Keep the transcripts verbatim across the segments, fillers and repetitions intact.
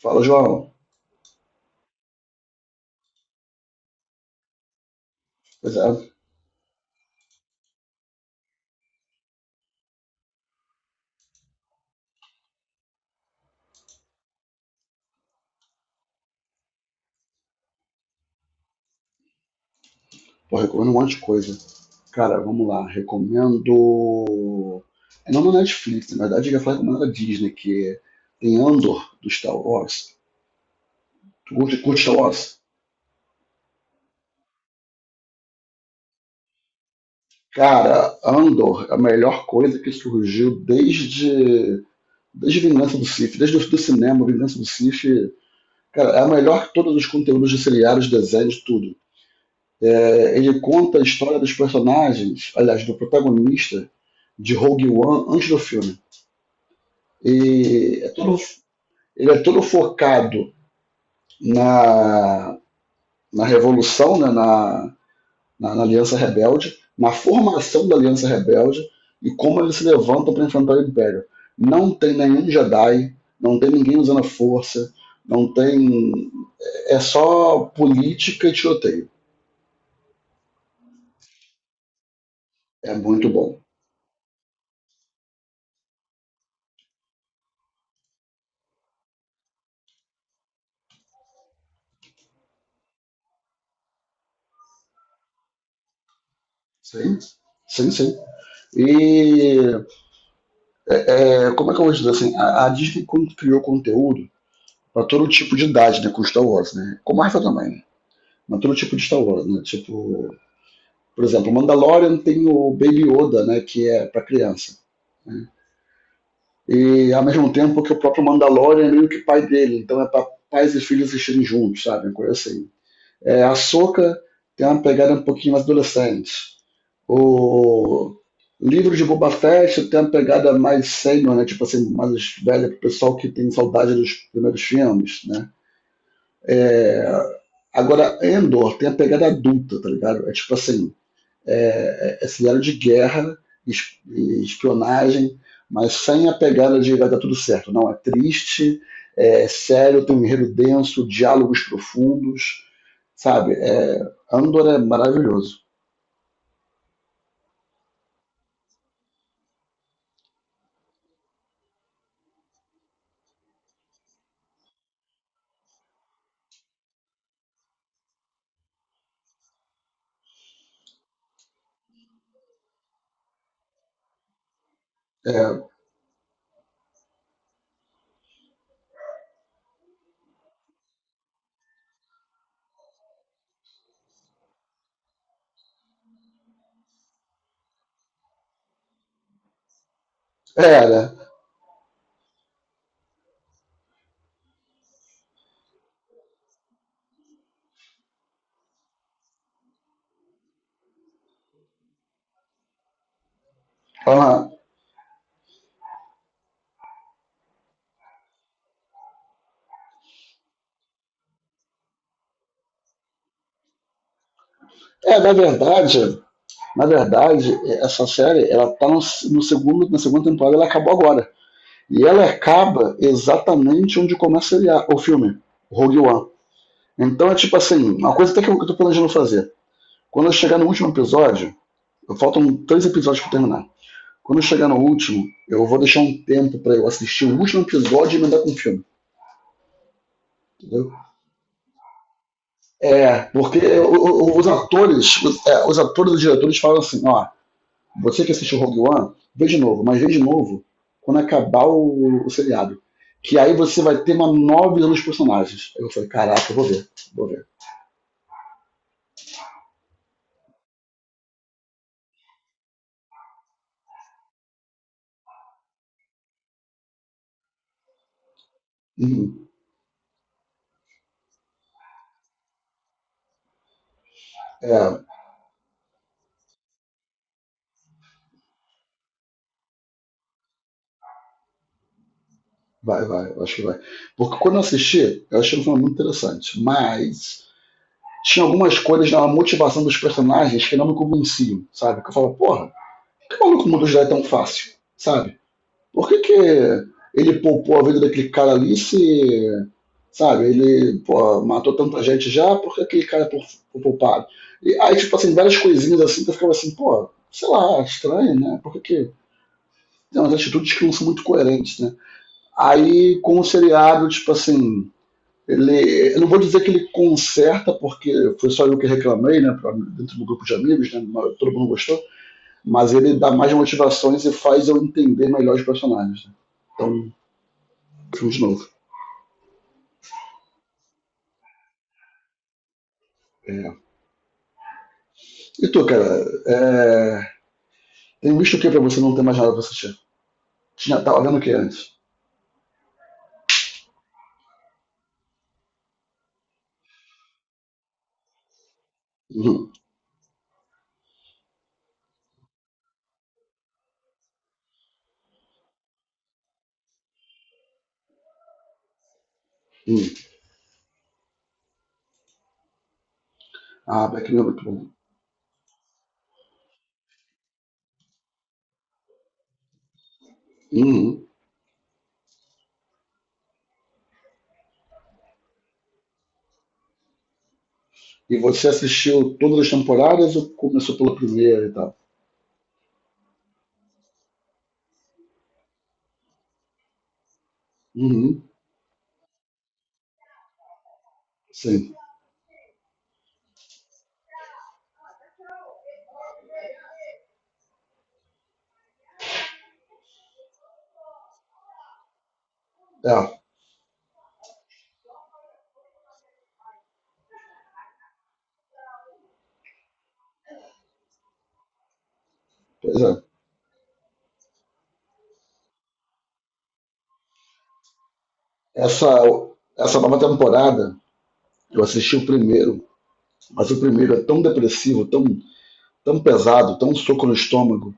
Fala, João. Pois é, pô, recomendo um monte de coisa. Cara, vamos lá. Recomendo. É não na Netflix, na verdade, eu ia falar recomendo a Disney, que tem Andor do Star Wars. Tu curte, curte Star Wars? Cara, Andor é a melhor coisa que surgiu desde, desde Vingança do Sith, desde o do cinema, Vingança do Sith. Cara, é a melhor que todos os conteúdos de seriados, desenhos, tudo. É, ele conta a história dos personagens, aliás, do protagonista de Rogue One antes do filme. E é todo, ele é todo focado na, na revolução, né, na, na, na Aliança Rebelde, na formação da Aliança Rebelde e como eles se levantam para enfrentar o Império. Não tem nenhum Jedi, não tem ninguém usando a força, não tem. É só política e tiroteio. É muito bom. Sim, sim, sim. E é, como é que eu vou dizer assim? A, a Disney criou conteúdo para todo tipo de idade, né? Com Star Wars, né? Com Marvel também, né? Mas todo tipo de Star Wars, né? Tipo, por exemplo, Mandalorian tem o Baby Yoda, né? Que é para criança. E ao mesmo tempo que o próprio Mandalorian é meio que pai dele, então é para pais e filhos assistirem juntos, sabe? Uma coisa assim. É, a Soca tem uma pegada um pouquinho mais adolescente. O livro de Boba Fett tem uma pegada mais sênior, né? Tipo assim, mais velha pro pessoal que tem saudade dos primeiros filmes, né? É... Agora, Endor tem a pegada adulta, tá ligado? É tipo assim, é, é cenário de guerra, espionagem, mas sem a pegada de vai dar tudo certo. Não, é triste, é é sério, tem um enredo denso, diálogos profundos, sabe? É, Andor é maravilhoso. É, é, né? é, na verdade, na verdade, essa série, ela tá no, no segundo, na segunda temporada, ela acabou agora. E ela acaba exatamente onde começa o filme, Rogue One. Então é tipo assim, uma coisa até que eu tô planejando fazer. Quando eu chegar no último episódio, faltam três episódios para terminar. Quando eu chegar no último, eu vou deixar um tempo para eu assistir o último episódio e mandar com o filme, entendeu? É, porque o- o- os atores, os, é, os atores e os diretores falam assim, ó, você que assistiu Rogue One, vê de novo, mas vê de novo quando acabar o, o seriado. Que aí você vai ter uma nova visão dos personagens. Eu falei, caraca, eu vou ver, vou ver. Uhum. É, vai, vai, eu acho que vai. Porque quando eu assisti, eu achei um filme muito interessante, mas tinha algumas coisas na motivação dos personagens que não me convenciam, sabe? Que eu falo, porra, por que o maluco mudou de ideia tão fácil, sabe? Por que, que ele poupou a vida daquele cara ali se, sabe, ele pô, matou tanta gente já, por que aquele cara foi poupado? E aí, tipo assim, várias coisinhas assim que eu ficava assim, pô, sei lá, estranho, né? Por que que. Tem umas atitudes que não são muito coerentes, né? Aí, com o seriado, tipo assim, ele, eu não vou dizer que ele conserta, porque foi só eu que reclamei, né, pra- dentro do grupo de amigos, né, todo mundo gostou, mas ele dá mais motivações e faz eu entender melhor os personagens. Né. Então, vamos de novo. É. E tu, cara, é, tem visto o que pra você não ter mais nada pra assistir? Tinha, tava vendo o que antes? Uhum. Uhum. Ah, Black Mirror, é muito bom. Uhum. E você assistiu todas as temporadas ou começou pela primeira e tal? Uhum. Sim. É, pois é. Essa, essa nova temporada eu assisti o primeiro, mas o primeiro é tão depressivo, tão, tão pesado, tão soco no estômago,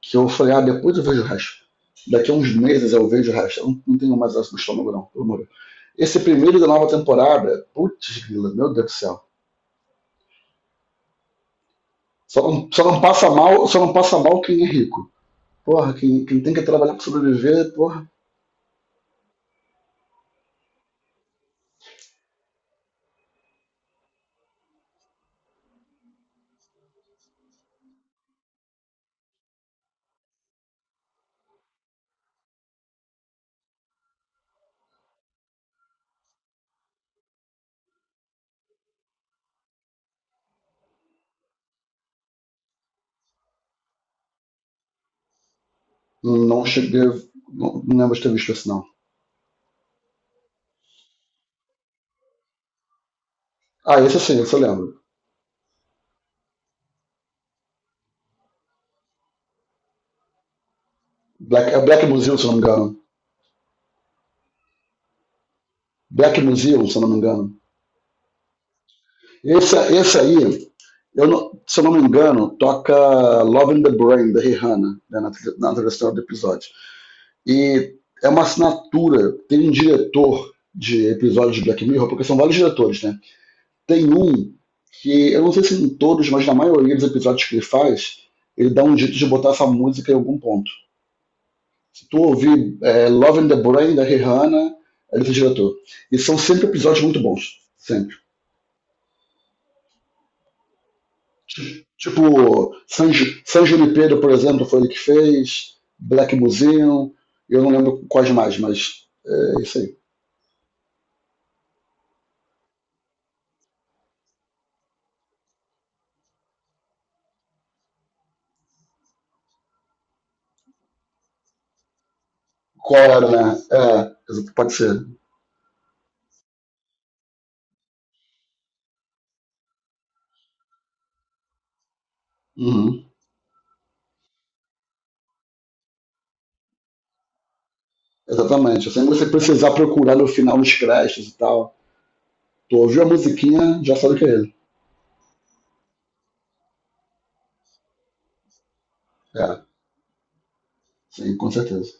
que eu falei, ah, depois eu vejo o resto. Daqui a uns meses eu vejo o resto. Eu não, não tenho mais essa no estômago, não, pelo amor de Deus. Esse primeiro da nova temporada, putz, grila, meu Deus do céu. Só não, só não passa mal, só não passa mal quem é rico. Porra, quem, quem tem que trabalhar para sobreviver, porra, não cheguei. Não, não lembro de ter visto esse não. Ah, esse sim, esse eu lembro. Black, é Black Museum, se eu não me engano. Black Museum, se eu não me engano. Esse, esse aí, eu não- se eu não me engano, toca Love in the Brain, da Rihanna, né, na, trilha- na trilha do episódio. E é uma assinatura, tem um diretor de episódios de Black Mirror, porque são vários diretores, né? Tem um que, eu não sei se em todos, mas na maioria dos episódios que ele faz, ele dá um jeito de botar essa música em algum ponto. Se tu ouvir é, Love in the Brain, da Rihanna, é desse diretor. E são sempre episódios muito bons, sempre. Tipo, San, Ju- San Junipero, por exemplo, foi ele que fez, Black Museum, eu não lembro quais mais, mas é isso aí. Qual era, né? É, pode ser. Uhum, exatamente. Sem você precisar procurar no final nos créditos e tal. Tu ouviu a musiquinha, já sabe que é ele. É, sim, com certeza.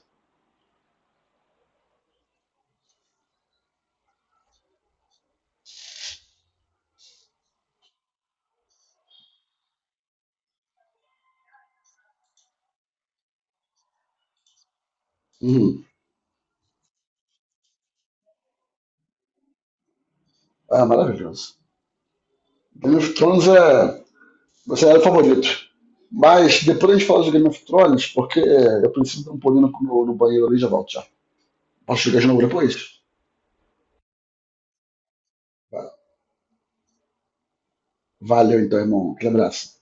Uhum. Ah, é maravilhoso. Game of Thrones é. Você era o favorito. Mas depois a gente fala de Game of Thrones, porque eu preciso dar um pulinho no, no banheiro ali e já volto já. Posso chegar de novo depois? Valeu então, irmão. Aquele abraço.